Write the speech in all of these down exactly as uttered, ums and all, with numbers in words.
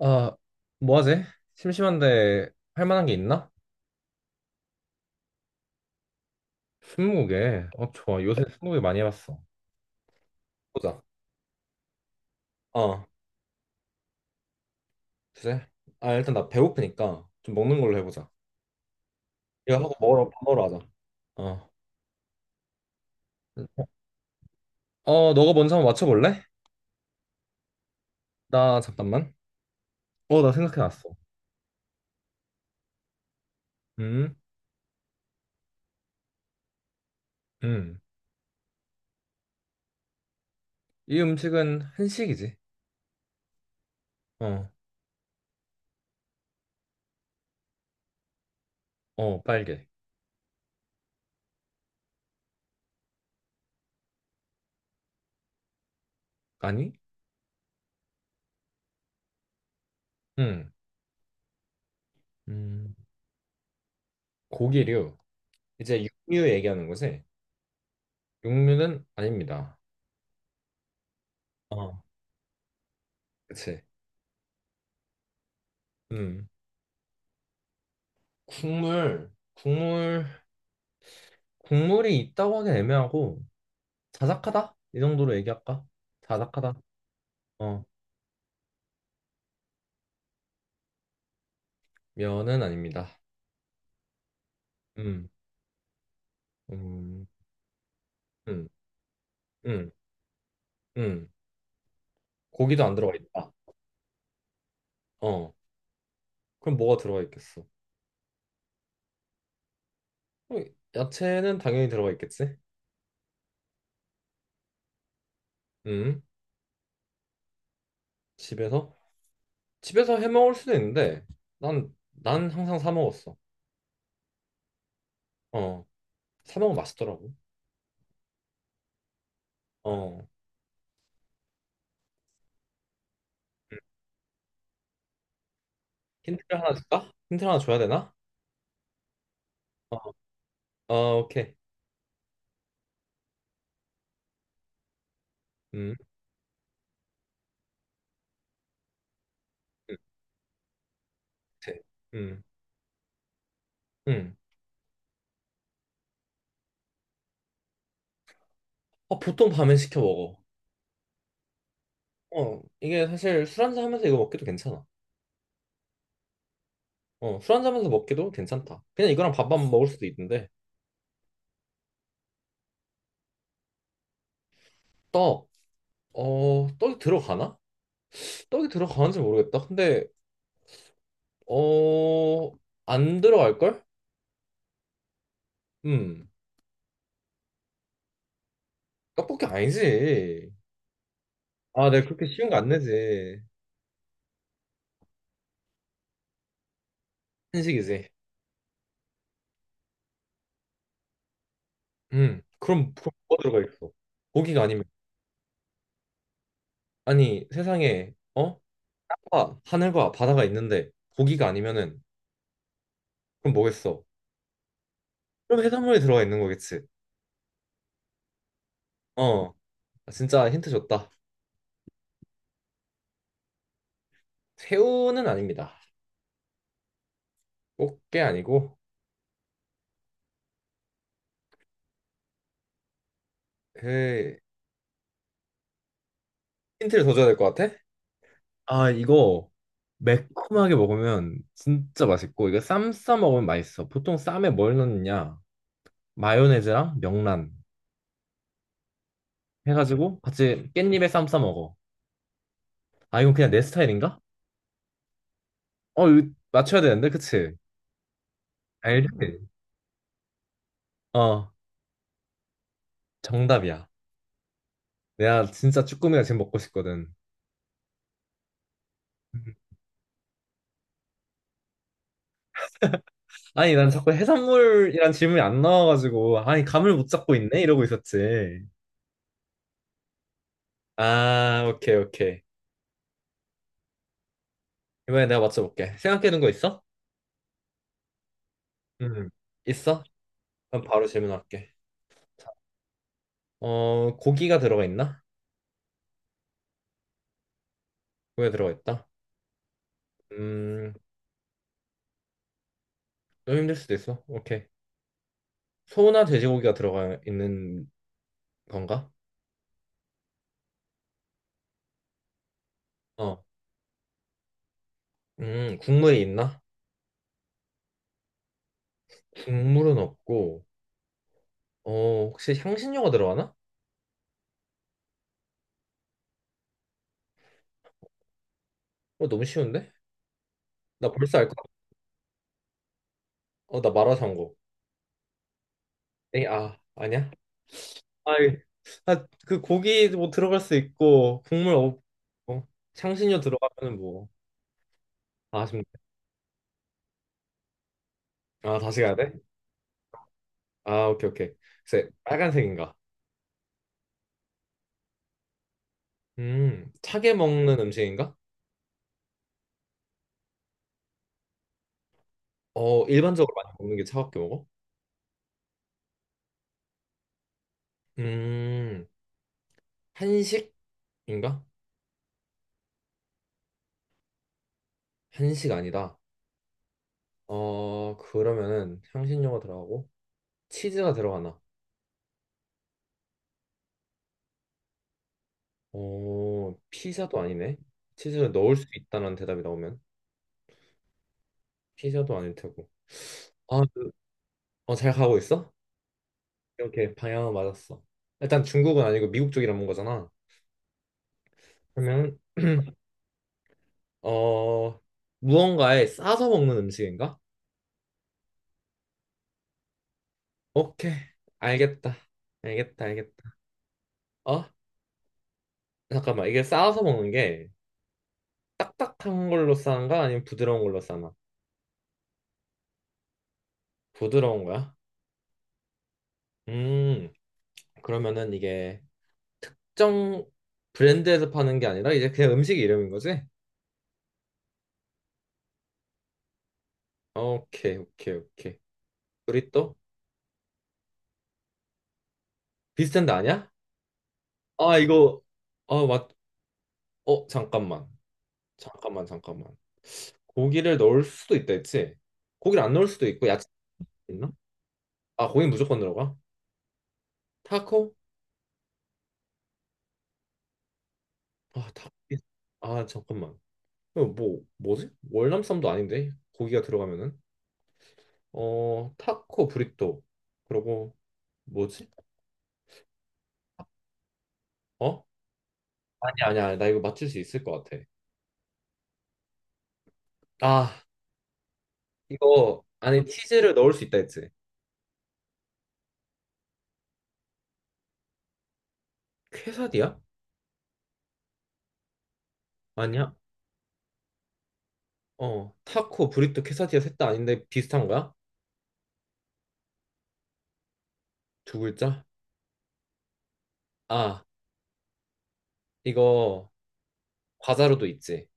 아, 뭐 하지? 심심한데 할 만한 게 있나? 스무고개. 어, 좋아. 요새 스무고개 많이 해봤어. 보자. 어, 주제? 아, 일단 나 배고프니까 좀 먹는 걸로 해보자. 이거 하고 먹으러 밥 먹으러 가자. 어. 어, 너가 먼저 한번 맞춰볼래? 나 잠깐만. 어, 나 생각해놨어. 음, 음. 이 음식은 한식이지. 어, 어, 빨개. 아니? 음, 음. 고기류. 이제 육류 얘기하는 거지? 육류는 아닙니다. 어, 그치. 음. 국물, 국물, 국물이 있다고 하긴 애매하고 자작하다? 이 정도로 얘기할까? 자작하다. 어, 면은 아닙니다. 음, 음, 음, 음, 음. 고기도 안 들어가 있다. 어, 그럼 뭐가 들어가 있겠어? 그럼 야채는 당연히 들어가 있겠지? 음, 집에서? 집에서 해 먹을 수도 있는데 난, 난 항상 사 먹었어. 어, 사 먹으면 맛있더라고. 어, 음. 힌트를 하나 줄까? 힌트를 하나 줘야 되나? 어, 어, 오케이. 음. 음. 같아. 음, 음. 어, 보통 밤에 시켜 먹어. 어, 이게 사실 술 한잔 하면서 이거 먹기도 괜찮아. 어, 술 한잔 하면서 먹기도 괜찮다. 그냥 이거랑 밥만 먹을 수도 있는데, 떡, 어, 떡이 들어가나? 떡이 들어가는지 모르겠다. 근데, 어, 안 들어갈걸? 음, 떡볶이 아니지. 아, 내가 그렇게 쉬운 거 안 내지. 한식이지. 음, 그럼, 그럼 뭐가 들어가 있어? 고기가 아니면, 아니, 세상에, 어? 땅과 하늘과 바다가 있는데, 고기가 아니면은, 그럼 뭐겠어? 그럼 해산물이 들어가 있는 거겠지. 어, 진짜 힌트 줬다. 새우는 아닙니다. 꽃게 아니고, 에 힌트를 더 줘야 될 것 같아? 아, 이거 매콤하게 먹으면 진짜 맛있고, 이거 쌈 싸 먹으면 맛있어. 보통 쌈에 뭘 넣느냐? 마요네즈랑 명란 해가지고 같이 깻잎에 쌈 싸 먹어. 아, 이건 그냥 내 스타일인가? 어, 이거 맞춰야 되는데, 그치? 알지? 어, 정답이야. 내가 진짜 쭈꾸미가 지금 먹고 싶거든. 아니, 난 자꾸 해산물이란 질문이 안 나와가지고, 아니, 감을 못 잡고 있네? 이러고 있었지. 아, 오케이, 오케이. 이번에 내가 맞춰볼게. 생각해둔 거 있어? 음, 있어? 그럼 바로 질문할게. 자, 어, 고기가 들어가 있나? 고기가 들어가 있다. 음, 좀 힘들 수도 있어. 오케이. 소나 돼지고기가 들어가 있는 건가? 어, 음, 국물이 있나? 국물은 없고, 어, 혹시 향신료가 들어가나? 어, 너무 쉬운데? 나 벌써 알 것 같아. 어, 나 마라샹궈. 에이, 아, 아니야? 아이, 아, 그 고기 뭐 들어갈 수 있고 국물 없고 향신료 들어가면은 뭐 아, 아쉽네. 아 다시 가야 돼? 아 오케이 오케이. 글쎄 빨간색인가? 음 차게 먹는 음식인가? 어 일반적으로 많이 먹는 게 차갑게 먹어? 음 한식인가? 한식 아니다. 어 그러면은 향신료가 들어가고 치즈가 들어가나? 어 피자도 아니네. 치즈를 넣을 수 있다는 대답이 나오면 피자도 아닐 테고. 아, 그- 어, 잘 가고 있어? 이렇게 방향은 맞았어. 일단 중국은 아니고 미국 쪽이란 건 거잖아. 그러면 어 무언가에 싸서 먹는 음식인가? 오케이 알겠다 알겠다 알겠다. 어 잠깐만 이게 싸서 먹는 게 딱딱한 걸로 싸는가 아니면 부드러운 걸로 싸나? 부드러운 거야? 음 그러면은 이게 특정 브랜드에서 파는 게 아니라 이제 그냥 음식 이름인 거지? 오케이 오케이 오케이. 우리 또 비슷한 데 아니야? 아 이거 아 맞. 어 잠깐만. 잠깐만 잠깐만 고기를 넣을 수도 있다 했지? 고기를 안 넣을 수도 있고 야채 있나? 아 고기 무조건 들어가? 타코? 아 타코 아 잠깐만 이거 뭐 뭐지? 월남쌈도 아닌데 고기가 들어가면은 어 타코 브리또 그러고 뭐지? 어? 아니 아니 아니 나 이거 맞출 수 있을 것 같아 아 이거 안에 치즈를 넣을 수 있다 했지? 퀘사디야? 아니야? 어 타코 브리또 퀘사디아 셋 다 아닌데 비슷한 거야? 두 글자? 아 이거 과자로도 있지.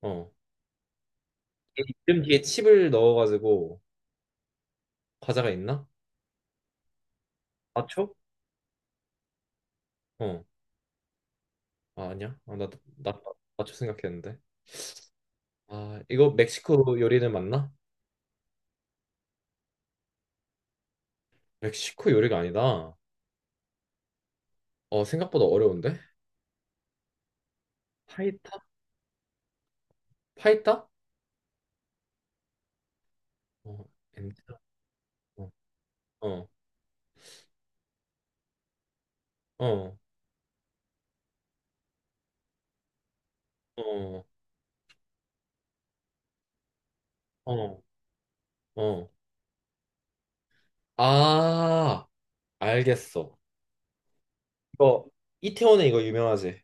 어. 이 이름 뒤에 칩을 넣어가지고 과자가 있나? 맞춰? 어. 아, 아니야. 아, 나, 나 맞춰 생각했는데. 아, 이거 멕시코 요리는 맞나? 멕시코 요리가 아니다. 어, 생각보다 어려운데? 파이타? 파이타? 어, 엔지다. 어, 어, 어, 어, 어, 어. 아, 알겠어. 이거 이태원에 이거 유명하지?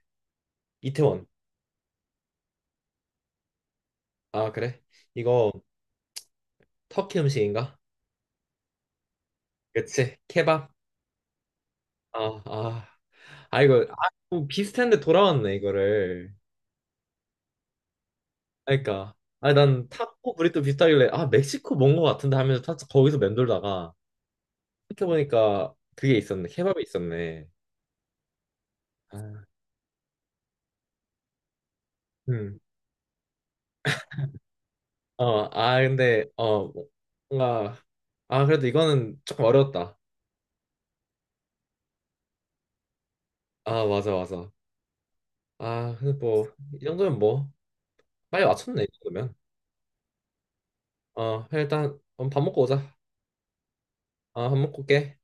이태원. 아, 그래? 이거 터키 음식인가? 그치? 케밥. 아, 아, 아 이거 아, 좀 비슷한데 돌아왔네 이거를. 그러니까 아, 난 타코 브리또 비슷하길래 아 멕시코 뭔 거 같은데 하면서 타, 거기서 맴돌다가 생각해 보니까 그게 있었네 케밥이 있었네. 아, 음, 어, 아 근데 어 뭔가 아 그래도 이거는 조금 어려웠다. 아 맞아 맞아. 아 근데 뭐 이 정도면 뭐 빨리 맞췄네 이 정도면. 어 그래, 일단 밥 먹고 오자. 아 밥 먹고 올게.